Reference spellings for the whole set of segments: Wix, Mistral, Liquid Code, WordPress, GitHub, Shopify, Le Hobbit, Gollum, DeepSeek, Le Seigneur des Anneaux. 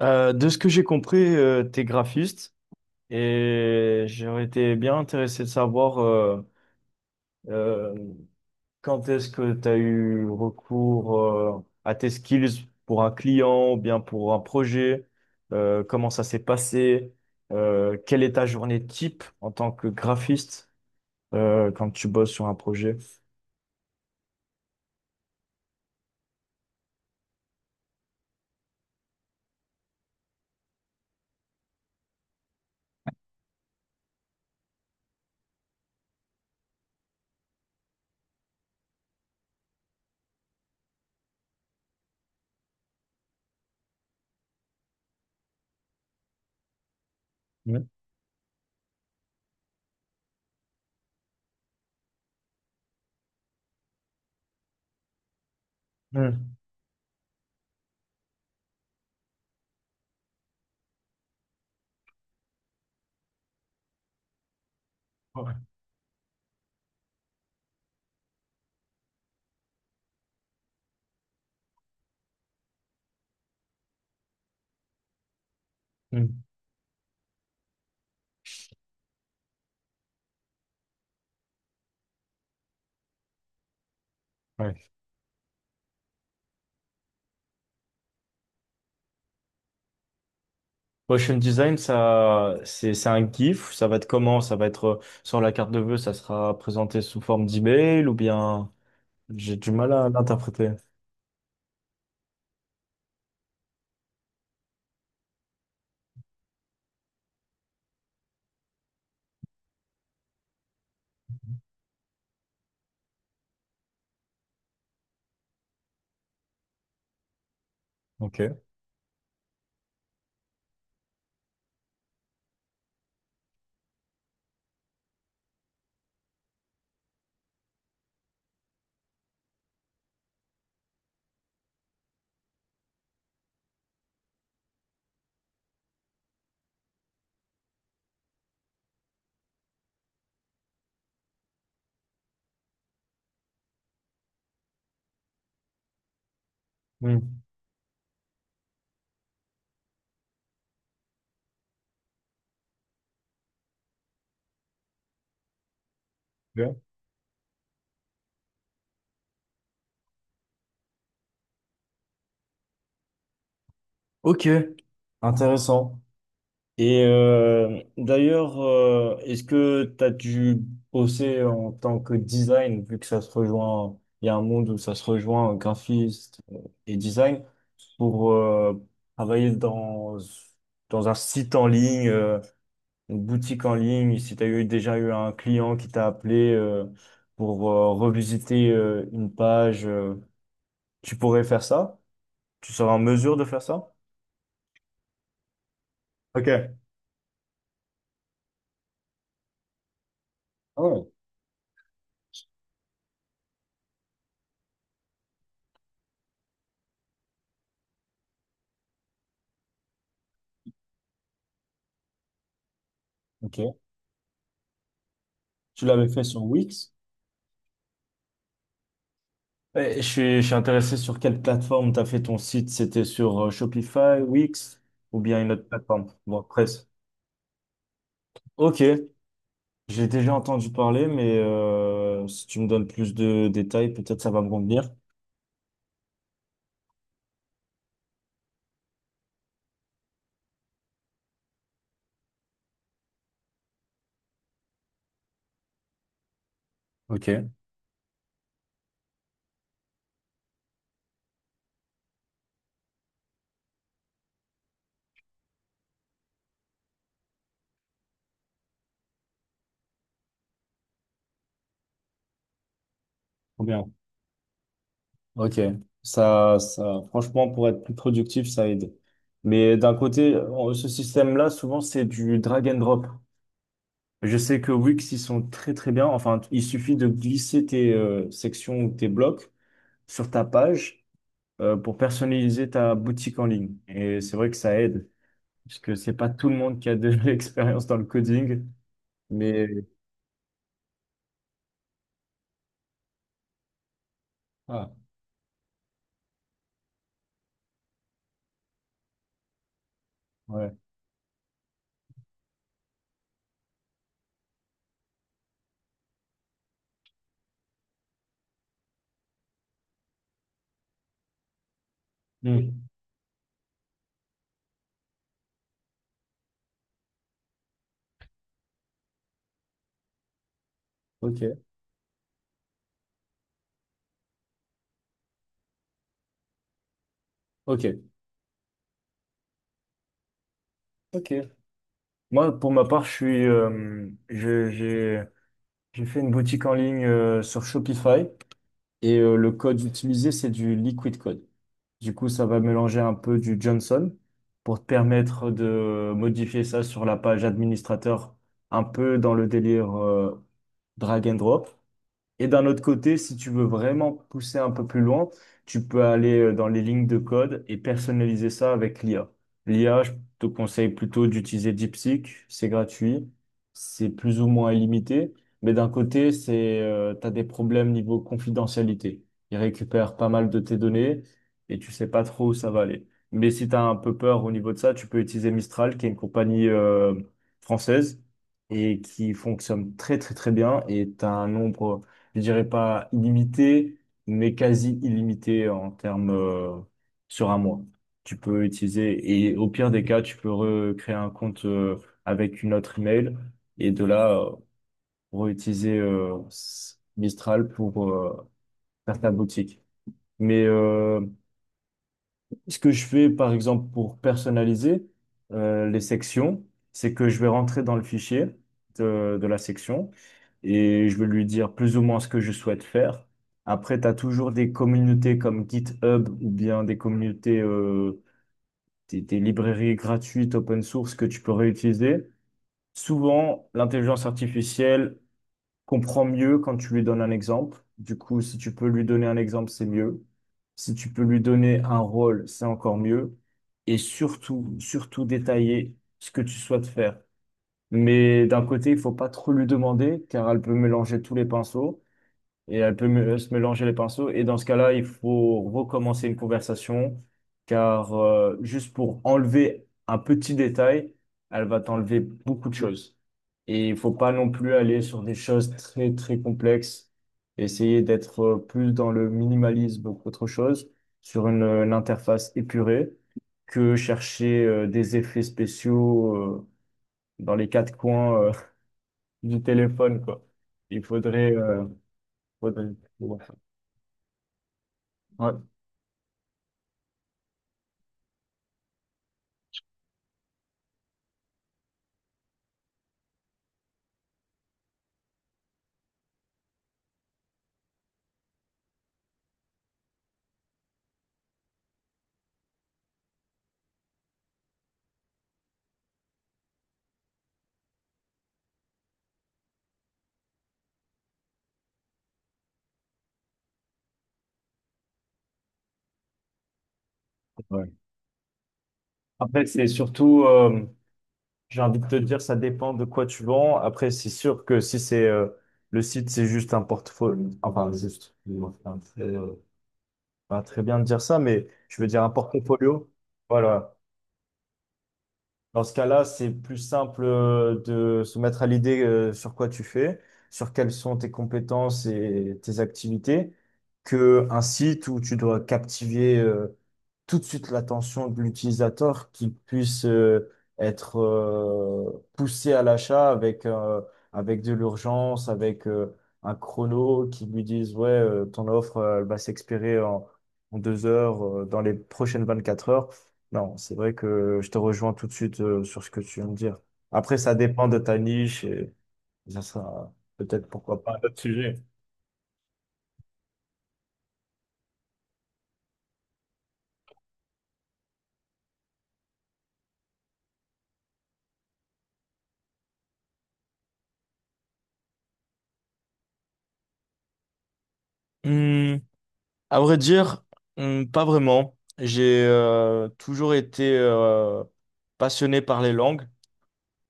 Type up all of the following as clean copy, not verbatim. De ce que j'ai compris, t'es graphiste et j'aurais été bien intéressé de savoir euh, quand est-ce que t'as eu recours à tes skills pour un client ou bien pour un projet, comment ça s'est passé, quelle est ta journée type en tant que graphiste quand tu bosses sur un projet. Ouais. Hmm. Ouais. Hmm. Ouais. Motion design, ça, c'est un GIF. Ça va être comment? Ça va être sur la carte de vœux, ça sera présenté sous forme d'email ou bien j'ai du mal à l'interpréter. Ok. Hmm. Ok, ok, intéressant. Et d'ailleurs, est-ce que tu as dû bosser en tant que design, vu que ça se rejoint, il y a un monde où ça se rejoint, graphiste et design, pour travailler dans un site en ligne, une boutique en ligne, si tu as déjà eu un client qui t'a appelé pour revisiter une page, tu pourrais faire ça? Tu seras en mesure de faire ça? Ok. Ah ouais, ok. Tu l'avais fait sur Wix? Ouais, je suis intéressé sur quelle plateforme tu as fait ton site. C'était sur Shopify, Wix ou bien une autre plateforme? WordPress. Ok, j'ai déjà entendu parler, mais si tu me donnes plus de détails, peut-être ça va me convenir. Ok. Trop bien. Ok, franchement, pour être plus productif, ça aide. Mais d'un côté, ce système-là, souvent, c'est du drag and drop. Je sais que Wix, ils sont très, très bien. Enfin, il suffit de glisser tes sections ou tes blocs sur ta page pour personnaliser ta boutique en ligne. Et c'est vrai que ça aide, puisque c'est pas tout le monde qui a de l'expérience dans le coding. Mais, ah, ouais. Hmm. Ok, ok, ok. Moi, pour ma part, je suis, je, j'ai fait une boutique en ligne sur Shopify et le code utilisé, c'est du Liquid Code. Du coup, ça va mélanger un peu du Johnson pour te permettre de modifier ça sur la page administrateur, un peu dans le délire drag and drop. Et d'un autre côté, si tu veux vraiment pousser un peu plus loin, tu peux aller dans les lignes de code et personnaliser ça avec l'IA. L'IA, je te conseille plutôt d'utiliser DeepSeek, c'est gratuit, c'est plus ou moins illimité, mais d'un côté, tu as des problèmes niveau confidentialité. Il récupère pas mal de tes données et tu sais pas trop où ça va aller. Mais si tu as un peu peur au niveau de ça, tu peux utiliser Mistral, qui est une compagnie française et qui fonctionne très très très bien et tu as un nombre, je dirais pas illimité, mais quasi illimité en termes sur un mois. Tu peux utiliser, et au pire des cas, tu peux recréer un compte avec une autre email, et de là, réutiliser Mistral pour faire ta boutique. Mais ce que je fais, par exemple, pour personnaliser les sections, c'est que je vais rentrer dans le fichier de la section et je vais lui dire plus ou moins ce que je souhaite faire. Après, tu as toujours des communautés comme GitHub ou bien des communautés, des librairies gratuites open source que tu peux réutiliser. Souvent, l'intelligence artificielle comprend mieux quand tu lui donnes un exemple. Du coup, si tu peux lui donner un exemple, c'est mieux. Si tu peux lui donner un rôle, c'est encore mieux. Et surtout, surtout détailler ce que tu souhaites faire. Mais d'un côté, il faut pas trop lui demander, car elle peut mélanger tous les pinceaux, et elle peut se mélanger les pinceaux. Et dans ce cas-là, il faut recommencer une conversation, car juste pour enlever un petit détail, elle va t'enlever beaucoup de choses. Et il faut pas non plus aller sur des choses très, très complexes. Essayer d'être plus dans le minimalisme qu'autre chose, sur une interface épurée, que chercher des effets spéciaux dans les quatre coins du téléphone, quoi. Il faudrait... euh, faudrait- Ouais. Ouais. Après, j'ai envie de te dire, ça dépend de quoi tu vends. Après, c'est sûr que si c'est le site, c'est juste un portfolio, excuse-moi, pas très bien de dire ça, mais je veux dire un portfolio. Voilà. Dans ce cas-là, c'est plus simple de se mettre à l'idée sur quoi tu fais, sur quelles sont tes compétences et tes activités, que un site où tu dois captiver tout de suite l'attention de l'utilisateur, qu'il puisse être poussé à l'achat avec de l'urgence, avec un chrono qui lui dise ouais, ton offre elle va s'expirer en 2 heures, dans les prochaines 24 heures. Non, c'est vrai que je te rejoins tout de suite sur ce que tu viens de dire. Après, ça dépend de ta niche et ça sera peut-être pourquoi pas un autre sujet. Hmm, à vrai dire, hmm, pas vraiment. J'ai toujours été passionné par les langues.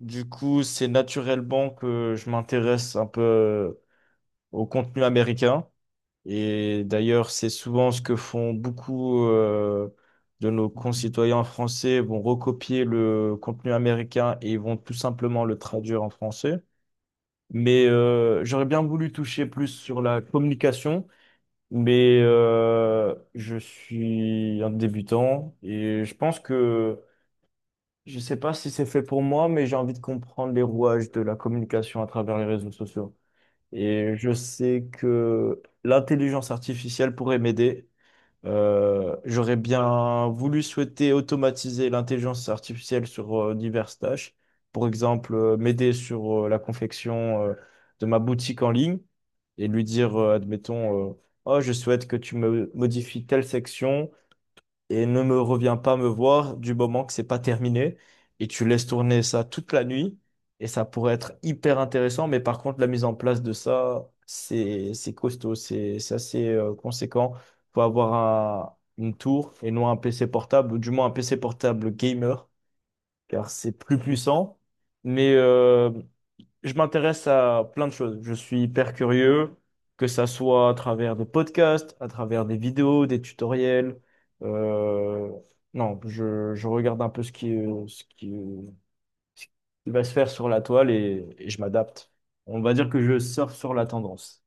Du coup, c'est naturellement que je m'intéresse un peu au contenu américain. Et d'ailleurs, c'est souvent ce que font beaucoup de nos concitoyens français. Ils vont recopier le contenu américain et ils vont tout simplement le traduire en français. Mais j'aurais bien voulu toucher plus sur la communication, mais je suis un débutant et je pense que je ne sais pas si c'est fait pour moi, mais j'ai envie de comprendre les rouages de la communication à travers les réseaux sociaux. Et je sais que l'intelligence artificielle pourrait m'aider j'aurais bien voulu souhaiter automatiser l'intelligence artificielle sur diverses tâches. Par exemple, m'aider sur la confection de ma boutique en ligne et lui dire, admettons, oh, je souhaite que tu me modifies telle section et ne me reviens pas me voir du moment que c'est pas terminé. Et tu laisses tourner ça toute la nuit et ça pourrait être hyper intéressant. Mais par contre, la mise en place de ça, c'est costaud, c'est assez conséquent. Faut avoir un- une tour et non un PC portable, ou du moins un PC portable gamer, car c'est plus puissant. Mais je m'intéresse à plein de choses. Je suis hyper curieux, que ça soit à travers des podcasts, à travers des vidéos, des tutoriels. Euh, non, je regarde un peu ce qui, ce qui va se faire sur la toile et je m'adapte. On va dire que je surfe sur la tendance.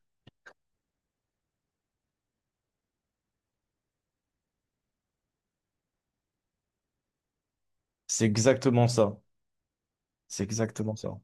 C'est exactement ça. C'est exactement ça.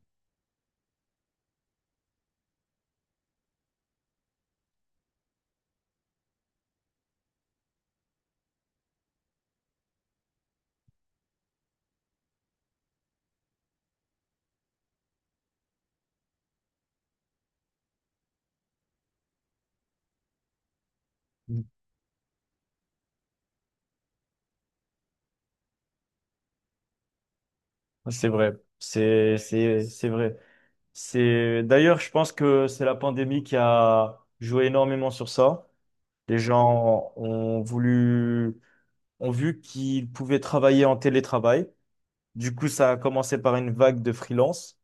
C'est vrai. C'est vrai. C'est d'ailleurs, je pense que c'est la pandémie qui a joué énormément sur ça. Les gens ont voulu, ont vu qu'ils pouvaient travailler en télétravail. Du coup, ça a commencé par une vague de freelance.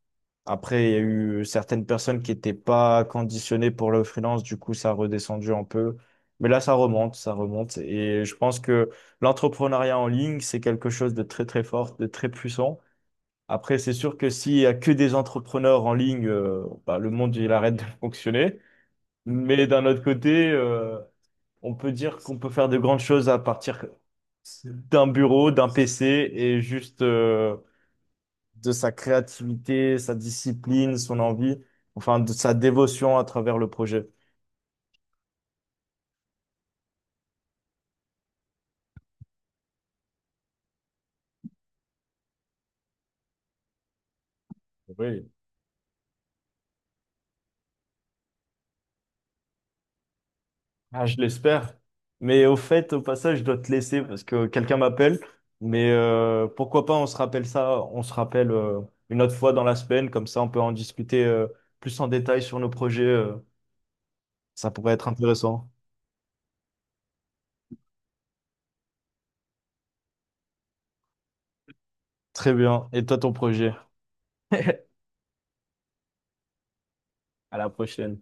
Après, il y a eu certaines personnes qui n'étaient pas conditionnées pour le freelance. Du coup, ça a redescendu un peu. Mais là, ça remonte. Et je pense que l'entrepreneuriat en ligne, c'est quelque chose de très, très fort, de très puissant. Après, c'est sûr que s'il y a que des entrepreneurs en ligne, bah, le monde, il arrête de fonctionner. Mais d'un autre côté, on peut dire qu'on peut faire de grandes choses à partir d'un bureau, d'un PC et juste de sa créativité, sa discipline, son envie, enfin de sa dévotion à travers le projet. Oui. Ah, je l'espère. Mais au fait, au passage, je dois te laisser parce que quelqu'un m'appelle. Mais pourquoi pas, on se rappelle une autre fois dans la semaine, comme ça on peut en discuter plus en détail sur nos projets. Ça pourrait être intéressant. Très bien. Et toi, ton projet? À la prochaine.